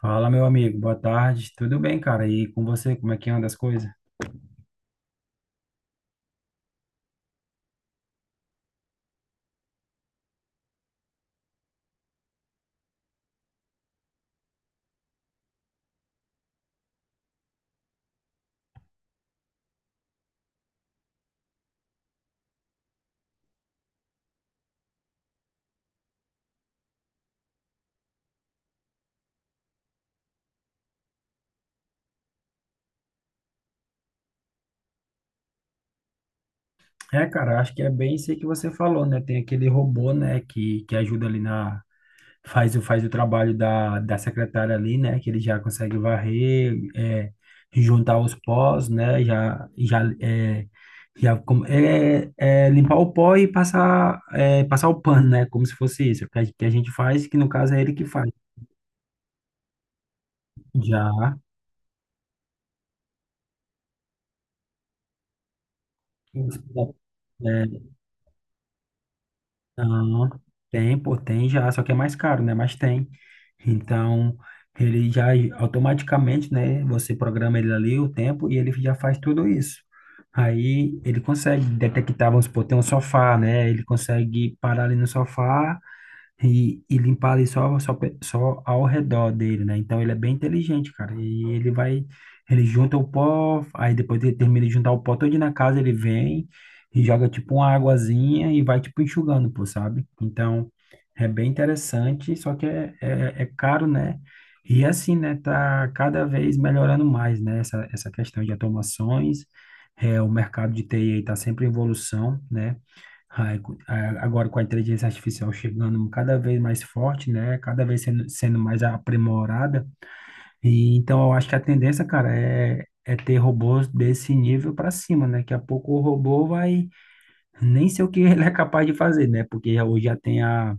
Fala, meu amigo, boa tarde. Tudo bem, cara? E com você, como é que anda as coisas? Cara, acho que é bem isso aí que você falou, né? Tem aquele robô, né, que ajuda ali na. Faz, faz o trabalho da secretária ali, né? Que ele já consegue varrer, juntar os pós, né? Já, já, é, já com- é, é, Limpar o pó e passar, passar o pano, né? Como se fosse isso, que a gente faz, que no caso é ele que faz. Já. é, Não, tem, pô, tem já, só que é mais caro, né? Mas tem. Então, ele já automaticamente, né? Você programa ele ali o tempo e ele já faz tudo isso. Aí ele consegue detectar, vamos supor, tem um sofá, né? Ele consegue parar ali no sofá e limpar ali só ao redor dele, né? Então ele é bem inteligente, cara. E ele vai, ele junta o pó, aí depois ele termina de juntar o pó todo na casa, ele vem e joga tipo uma aguazinha e vai tipo enxugando, pô, sabe? Então é bem interessante, só que é caro, né? E assim, né? Tá cada vez melhorando mais, né? Essa questão de automações. É, o mercado de TI tá sempre em evolução, né? Agora com a inteligência artificial chegando cada vez mais forte, né? Cada vez sendo mais aprimorada. E então eu acho que a tendência, cara, é ter robôs desse nível para cima, né? Daqui a pouco o robô vai nem sei o que ele é capaz de fazer, né? Porque hoje já tem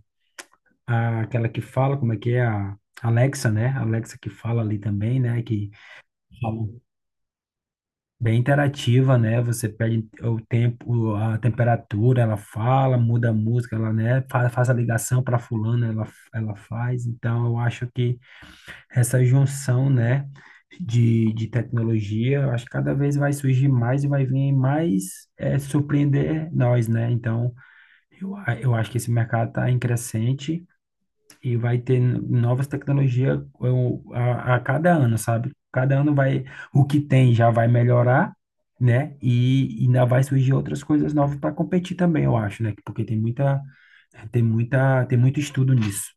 a aquela que fala, como é que é? A Alexa, né? A Alexa que fala ali também, né? Que bem interativa, né? Você pede o tempo, a temperatura, ela fala, muda a música, ela, né, faz a ligação para fulano, ela faz. Então, eu acho que essa junção, né, de tecnologia, eu acho que cada vez vai surgir mais e vai vir mais surpreender nós, né? Então, eu acho que esse mercado está em crescente e vai ter novas tecnologias a cada ano, sabe? Cada ano vai, o que tem já vai melhorar, né? E ainda vai surgir outras coisas novas para competir também, eu acho, né? Porque tem muita, tem muita, tem muito estudo nisso.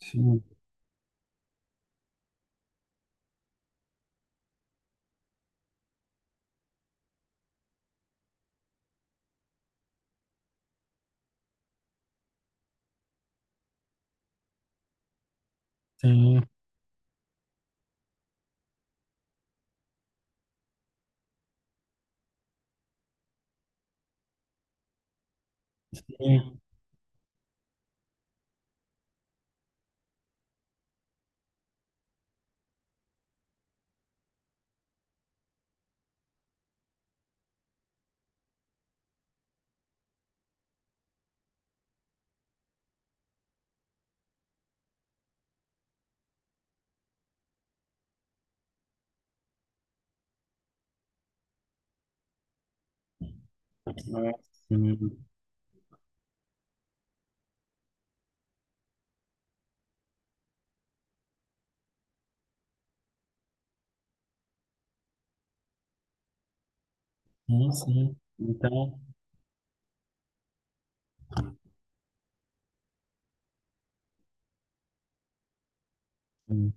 Sim, sim, sim. É, sim, sim, sim. Então, sim.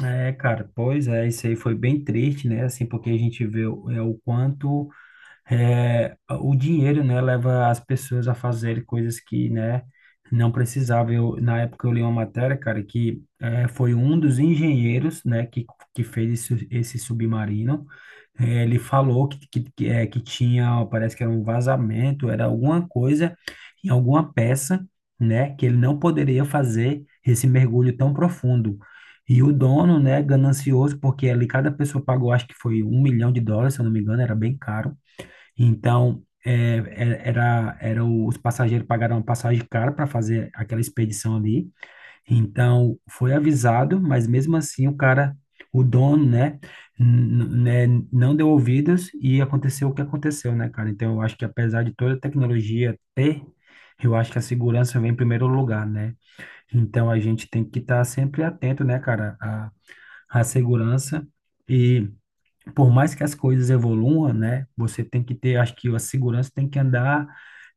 É, cara, pois é, isso aí foi bem triste, né? Assim, porque a gente o quanto é, o dinheiro, né, leva as pessoas a fazer coisas que, né, não precisava. Eu, na época eu li uma matéria, cara, foi um dos engenheiros, né, que fez esse submarino. É, ele falou que tinha, parece que era um vazamento, era alguma coisa em alguma peça, né, que ele não poderia fazer esse mergulho tão profundo. E o dono, né, ganancioso, porque ali cada pessoa pagou, acho que foi um milhão de dólares, se eu não me engano, era bem caro. Então, era os passageiros pagaram uma passagem cara para fazer aquela expedição ali. Então, foi avisado, mas mesmo assim o cara, o dono, né, n- n- né, não deu ouvidos e aconteceu o que aconteceu, né, cara? Então, eu acho que apesar de toda a tecnologia ter, eu acho que a segurança vem em primeiro lugar, né? Então, a gente tem que estar sempre atento, né, cara, à, à segurança por mais que as coisas evoluam, né, você tem que ter, acho que a segurança tem que andar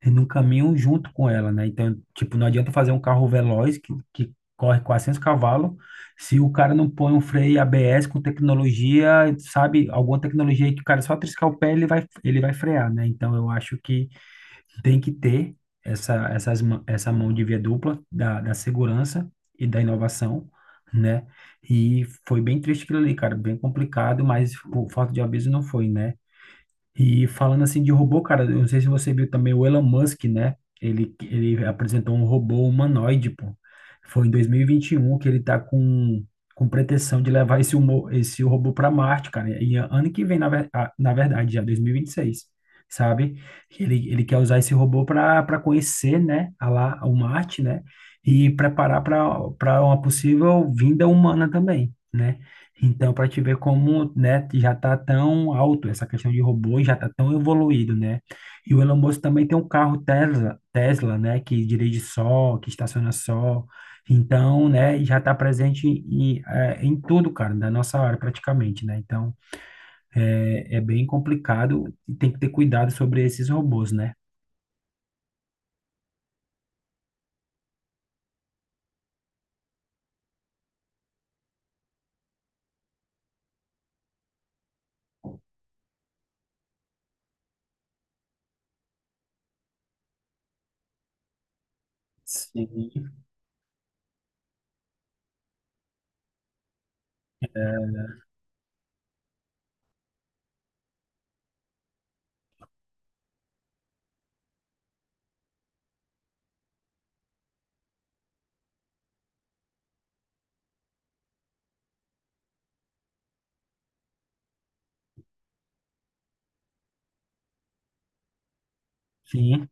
no caminho junto com ela, né? Então, tipo, não adianta fazer um carro veloz que corre 400 cavalos se o cara não põe um freio ABS com tecnologia, sabe, alguma tecnologia aí que o cara só triscar o pé, ele vai frear, né? Então, eu acho que tem que ter essa mão de via dupla da segurança e da inovação, né? E foi bem triste aquilo ali, cara, bem complicado, mas por falta de aviso não foi, né? E falando assim de robô, cara, eu não sei se você viu também o Elon Musk, né? Ele apresentou um robô humanoide, pô. Foi em 2021 que ele tá com pretensão de levar esse, humo, esse robô para Marte, cara. Ano que vem, na verdade, já 2026, sabe? Ele quer usar esse robô para para conhecer, né, a lá, o Marte, né? E preparar para para uma possível vinda humana também, né? Então, para te ver como, né, já está tão alto essa questão de robôs, já está tão evoluído, né? E o Elon Musk também tem um carro Tesla, Tesla, né, que dirige só, que estaciona só. Então, né, e já está presente em, em tudo, cara, da nossa área praticamente, né? Então, é bem complicado e tem que ter cuidado sobre esses robôs, né? Sim. Sim,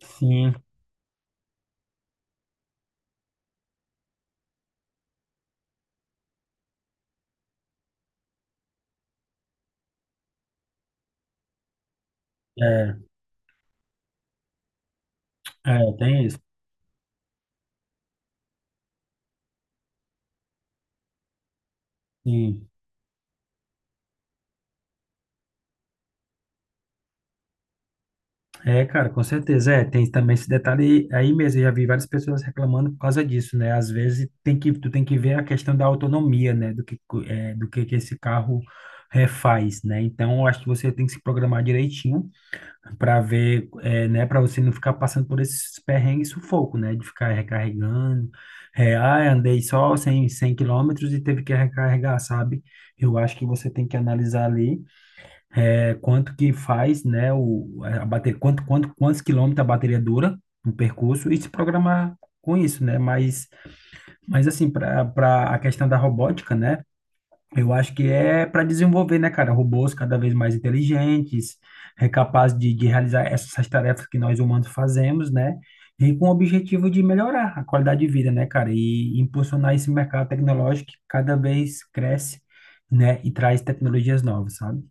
sim, é, tem isso. Sim. É, cara, com certeza. É, tem também esse detalhe aí mesmo. Eu já vi várias pessoas reclamando por causa disso, né? Às vezes tem que, tu tem que ver a questão da autonomia, né? Do que esse carro faz, né? Então, eu acho que você tem que se programar direitinho para ver, é, né? Para você não ficar passando por esses perrengues e sufoco, né? De ficar recarregando. É, ah, andei só 100 100 quilômetros e teve que recarregar, sabe? Eu acho que você tem que analisar ali quanto que faz, né, o, a bater, quanto, quanto, quantos quilômetros a bateria dura no percurso e se programar com isso, né? Mas assim, para para a questão da robótica, né? Eu acho que é para desenvolver, né, cara, robôs cada vez mais inteligentes, é capaz de realizar essas tarefas que nós humanos fazemos, né? E com o objetivo de melhorar a qualidade de vida, né, cara? E impulsionar esse mercado tecnológico que cada vez cresce, né? E traz tecnologias novas, sabe?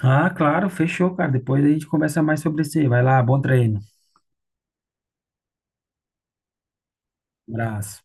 Ah, claro, fechou, cara. Depois a gente conversa mais sobre isso aí. Vai lá, bom treino. Abraço.